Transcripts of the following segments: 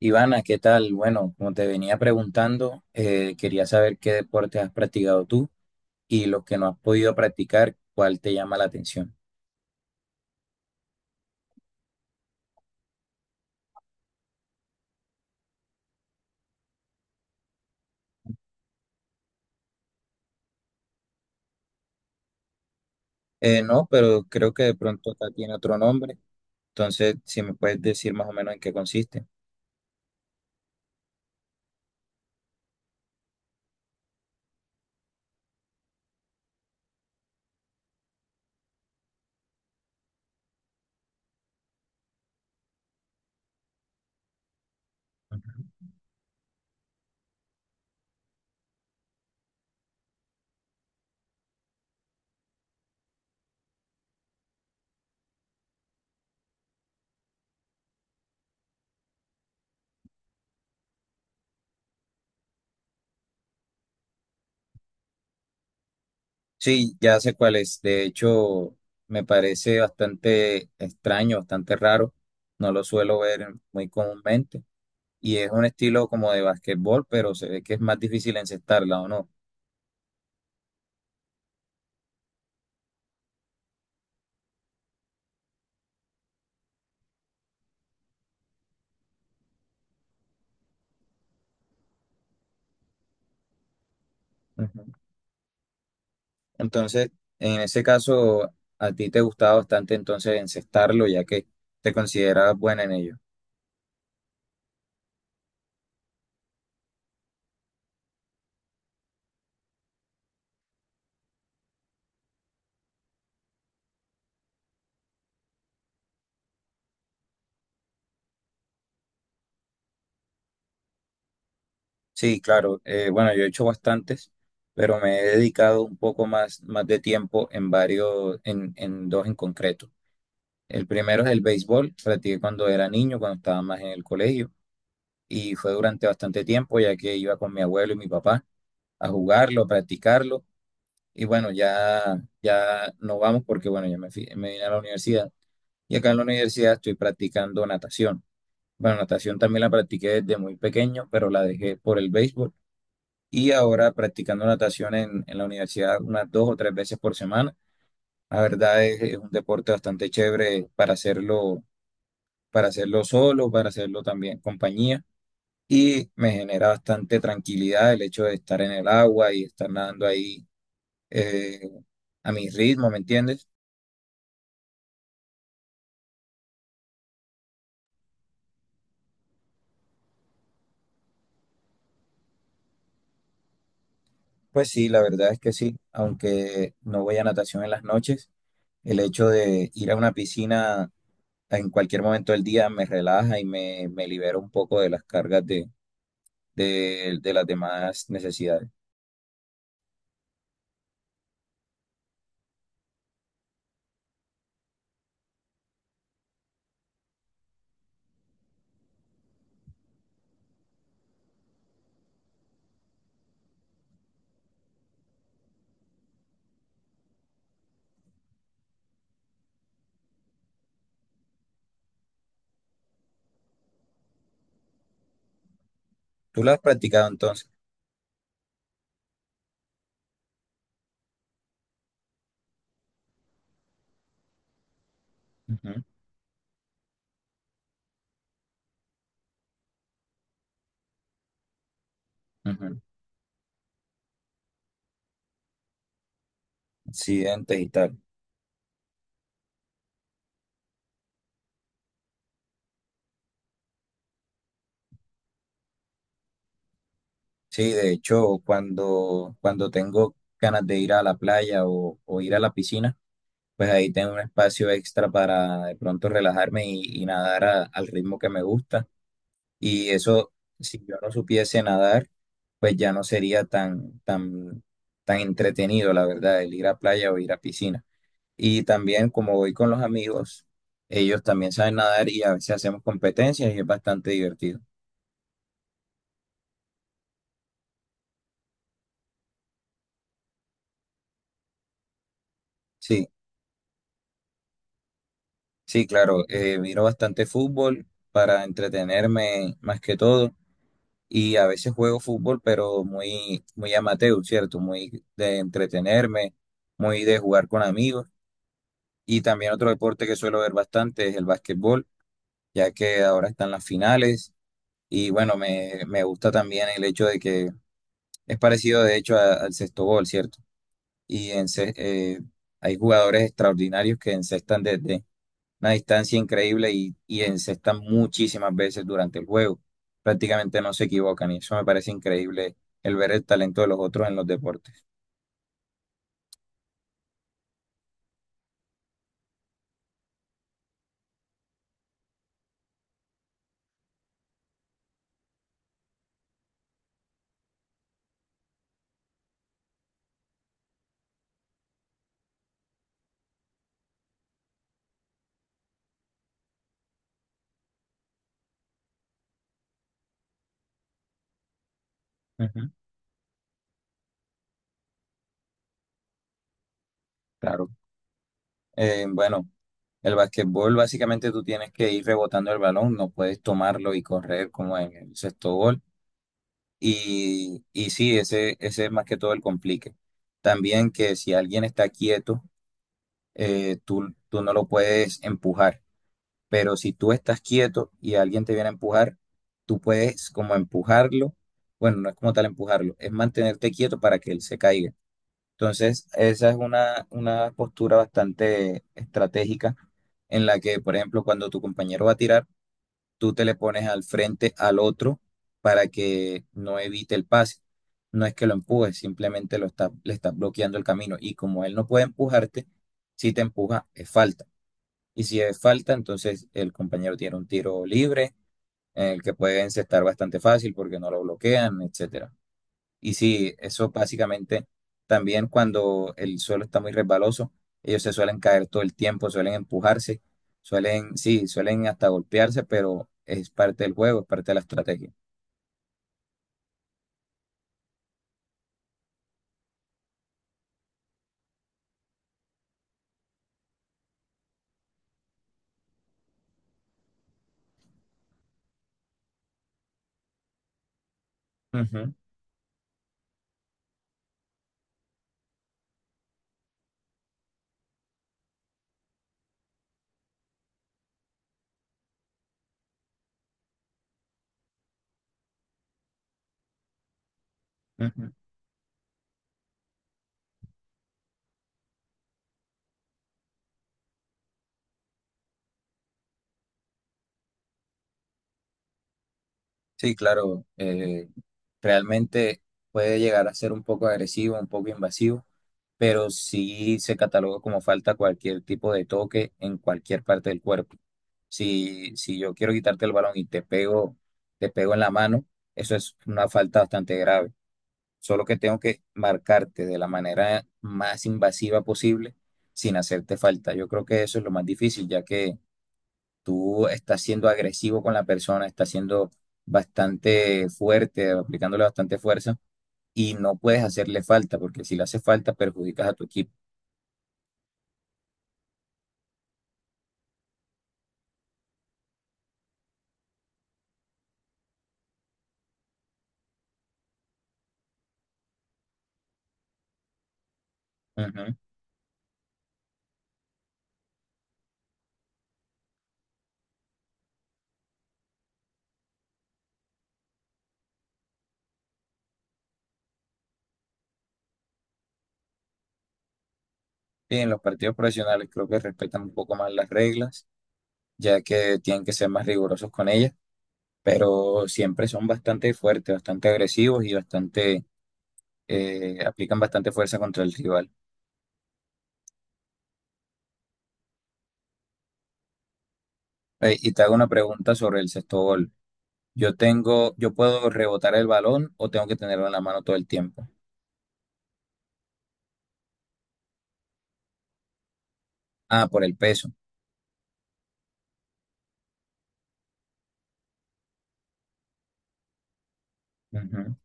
Ivana, ¿qué tal? Bueno, como te venía preguntando, quería saber qué deportes has practicado tú y los que no has podido practicar, ¿cuál te llama la atención? No, pero creo que de pronto acá tiene otro nombre, entonces si me puedes decir más o menos en qué consiste. Sí, ya sé cuál es. De hecho, me parece bastante extraño, bastante raro. No lo suelo ver muy comúnmente. Y es un estilo como de basquetbol, pero se ve que es más difícil encestarla, ¿o no? Ujú. Entonces, en ese caso, a ti te gustaba bastante entonces encestarlo, ya que te considerabas buena en ello. Sí, claro. Bueno, yo he hecho bastantes, pero me he dedicado un poco más, más de tiempo en varios, en dos en concreto. El primero es el béisbol, practiqué cuando era niño, cuando estaba más en el colegio, y fue durante bastante tiempo, ya que iba con mi abuelo y mi papá a jugarlo, a practicarlo, y bueno, ya, ya no vamos porque, bueno, me vine a la universidad. Y acá en la universidad estoy practicando natación. Bueno, natación también la practiqué desde muy pequeño, pero la dejé por el béisbol. Y ahora practicando natación en la universidad unas dos o tres veces por semana. La verdad es un deporte bastante chévere para hacerlo solo, para hacerlo también en compañía. Y me genera bastante tranquilidad el hecho de estar en el agua y estar nadando ahí eh, a mi ritmo, ¿me entiendes? Pues sí, la verdad es que sí, aunque no voy a natación en las noches. El hecho de ir a una piscina en cualquier momento del día me relaja y me libera un poco de las cargas de las demás necesidades. ¿Tú lo has practicado entonces? Ujú, ujú. Sí, antes y tal. Sí, de hecho, cuando tengo ganas de ir a la playa o ir a la piscina, pues ahí tengo un espacio extra para de pronto relajarme y nadar a- al ritmo que me gusta. Y eso, si yo no supiese nadar, pues ya no sería tan entretenido, la verdad, el ir a playa o ir a piscina. Y también como voy con los amigos, ellos también saben nadar y a veces hacemos competencias y es bastante divertido. Sí, sí, claro, miro bastante fútbol para entretenerme más que todo y a veces juego fútbol, pero muy amateur, ¿cierto? Muy de entretenerme, muy de jugar con amigos. Y también otro deporte que suelo ver bastante es el básquetbol, ya que ahora están las finales. Y bueno, me gusta también el hecho de que es parecido de hecho a- al sexto gol, ¿cierto? Y hay jugadores extraordinarios que encestan desde una distancia increíble y encestan muchísimas veces durante el juego. Prácticamente no se equivocan y eso me parece increíble el ver el talento de los otros en los deportes. Ujú. Claro. Bueno. El basquetbol, básicamente tú tienes que ir rebotando el balón, no puedes tomarlo y correr como en el sexto gol. Y sí, ese es más que todo el complique. También que si alguien está quieto, tú no lo puedes empujar. Pero si tú estás quieto y alguien te viene a empujar, tú puedes como empujarlo. Bueno, no es como tal empujarlo, es mantenerte quieto para que él se caiga. Entonces, esa es una postura bastante estratégica en la que, por ejemplo, cuando tu compañero va a tirar, tú te le pones al frente al otro para que no evite el pase. No es que lo empujes, simplemente le estás bloqueando el camino. Y como él no puede empujarte, si te empuja, es falta. Y si es falta, entonces el compañero tiene un tiro libre, en el que puede encestar bastante fácil porque no lo bloquean, etc. Y sí, eso básicamente también cuando el suelo está muy resbaloso, ellos se suelen caer todo el tiempo, suelen empujarse, suelen, sí, suelen hasta golpearse, pero es parte del juego, es parte de la estrategia. Ujú, ujú. Sí, claro, realmente puede llegar a ser un poco agresivo, un poco invasivo, pero sí se cataloga como falta cualquier tipo de toque en cualquier parte del cuerpo. Si yo quiero quitarte el balón y te pego en la mano, eso es una falta bastante grave. Solo que tengo que marcarte de la manera más invasiva posible sin hacerte falta. Yo creo que eso es lo más difícil, ya que tú estás siendo agresivo con la persona, estás siendo bastante fuerte, aplicándole bastante fuerza y no puedes hacerle falta, porque si le hace falta perjudicas a tu equipo. Ujú. Y en los partidos profesionales creo que respetan un poco más las reglas, ya que tienen que ser más rigurosos con ellas, pero siempre son bastante fuertes, bastante agresivos y bastante, aplican bastante fuerza contra el rival. Y te hago una pregunta sobre el sexto gol. Yo tengo, yo puedo rebotar el balón o tengo que tenerlo en la mano todo el tiempo. Ah, por el peso. Ujú,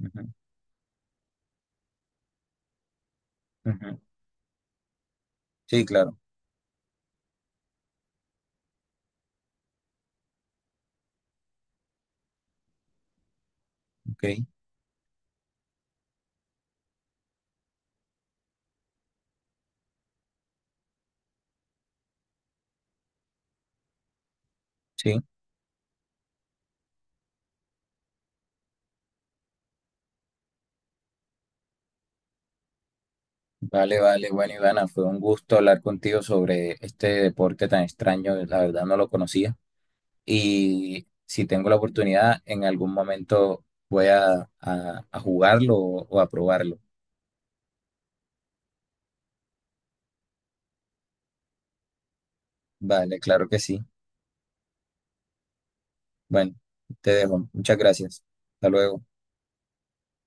ujú, ujú. Sí, claro. Ok, sí. Vale, vale. Bueno, Ivana, fue un gusto hablar contigo sobre este deporte tan extraño. La verdad no lo conocía. Y si tengo la oportunidad, en algún momento voy a, a jugarlo o a probarlo. Vale, claro que sí. Bueno, te dejo. Muchas gracias. Hasta luego.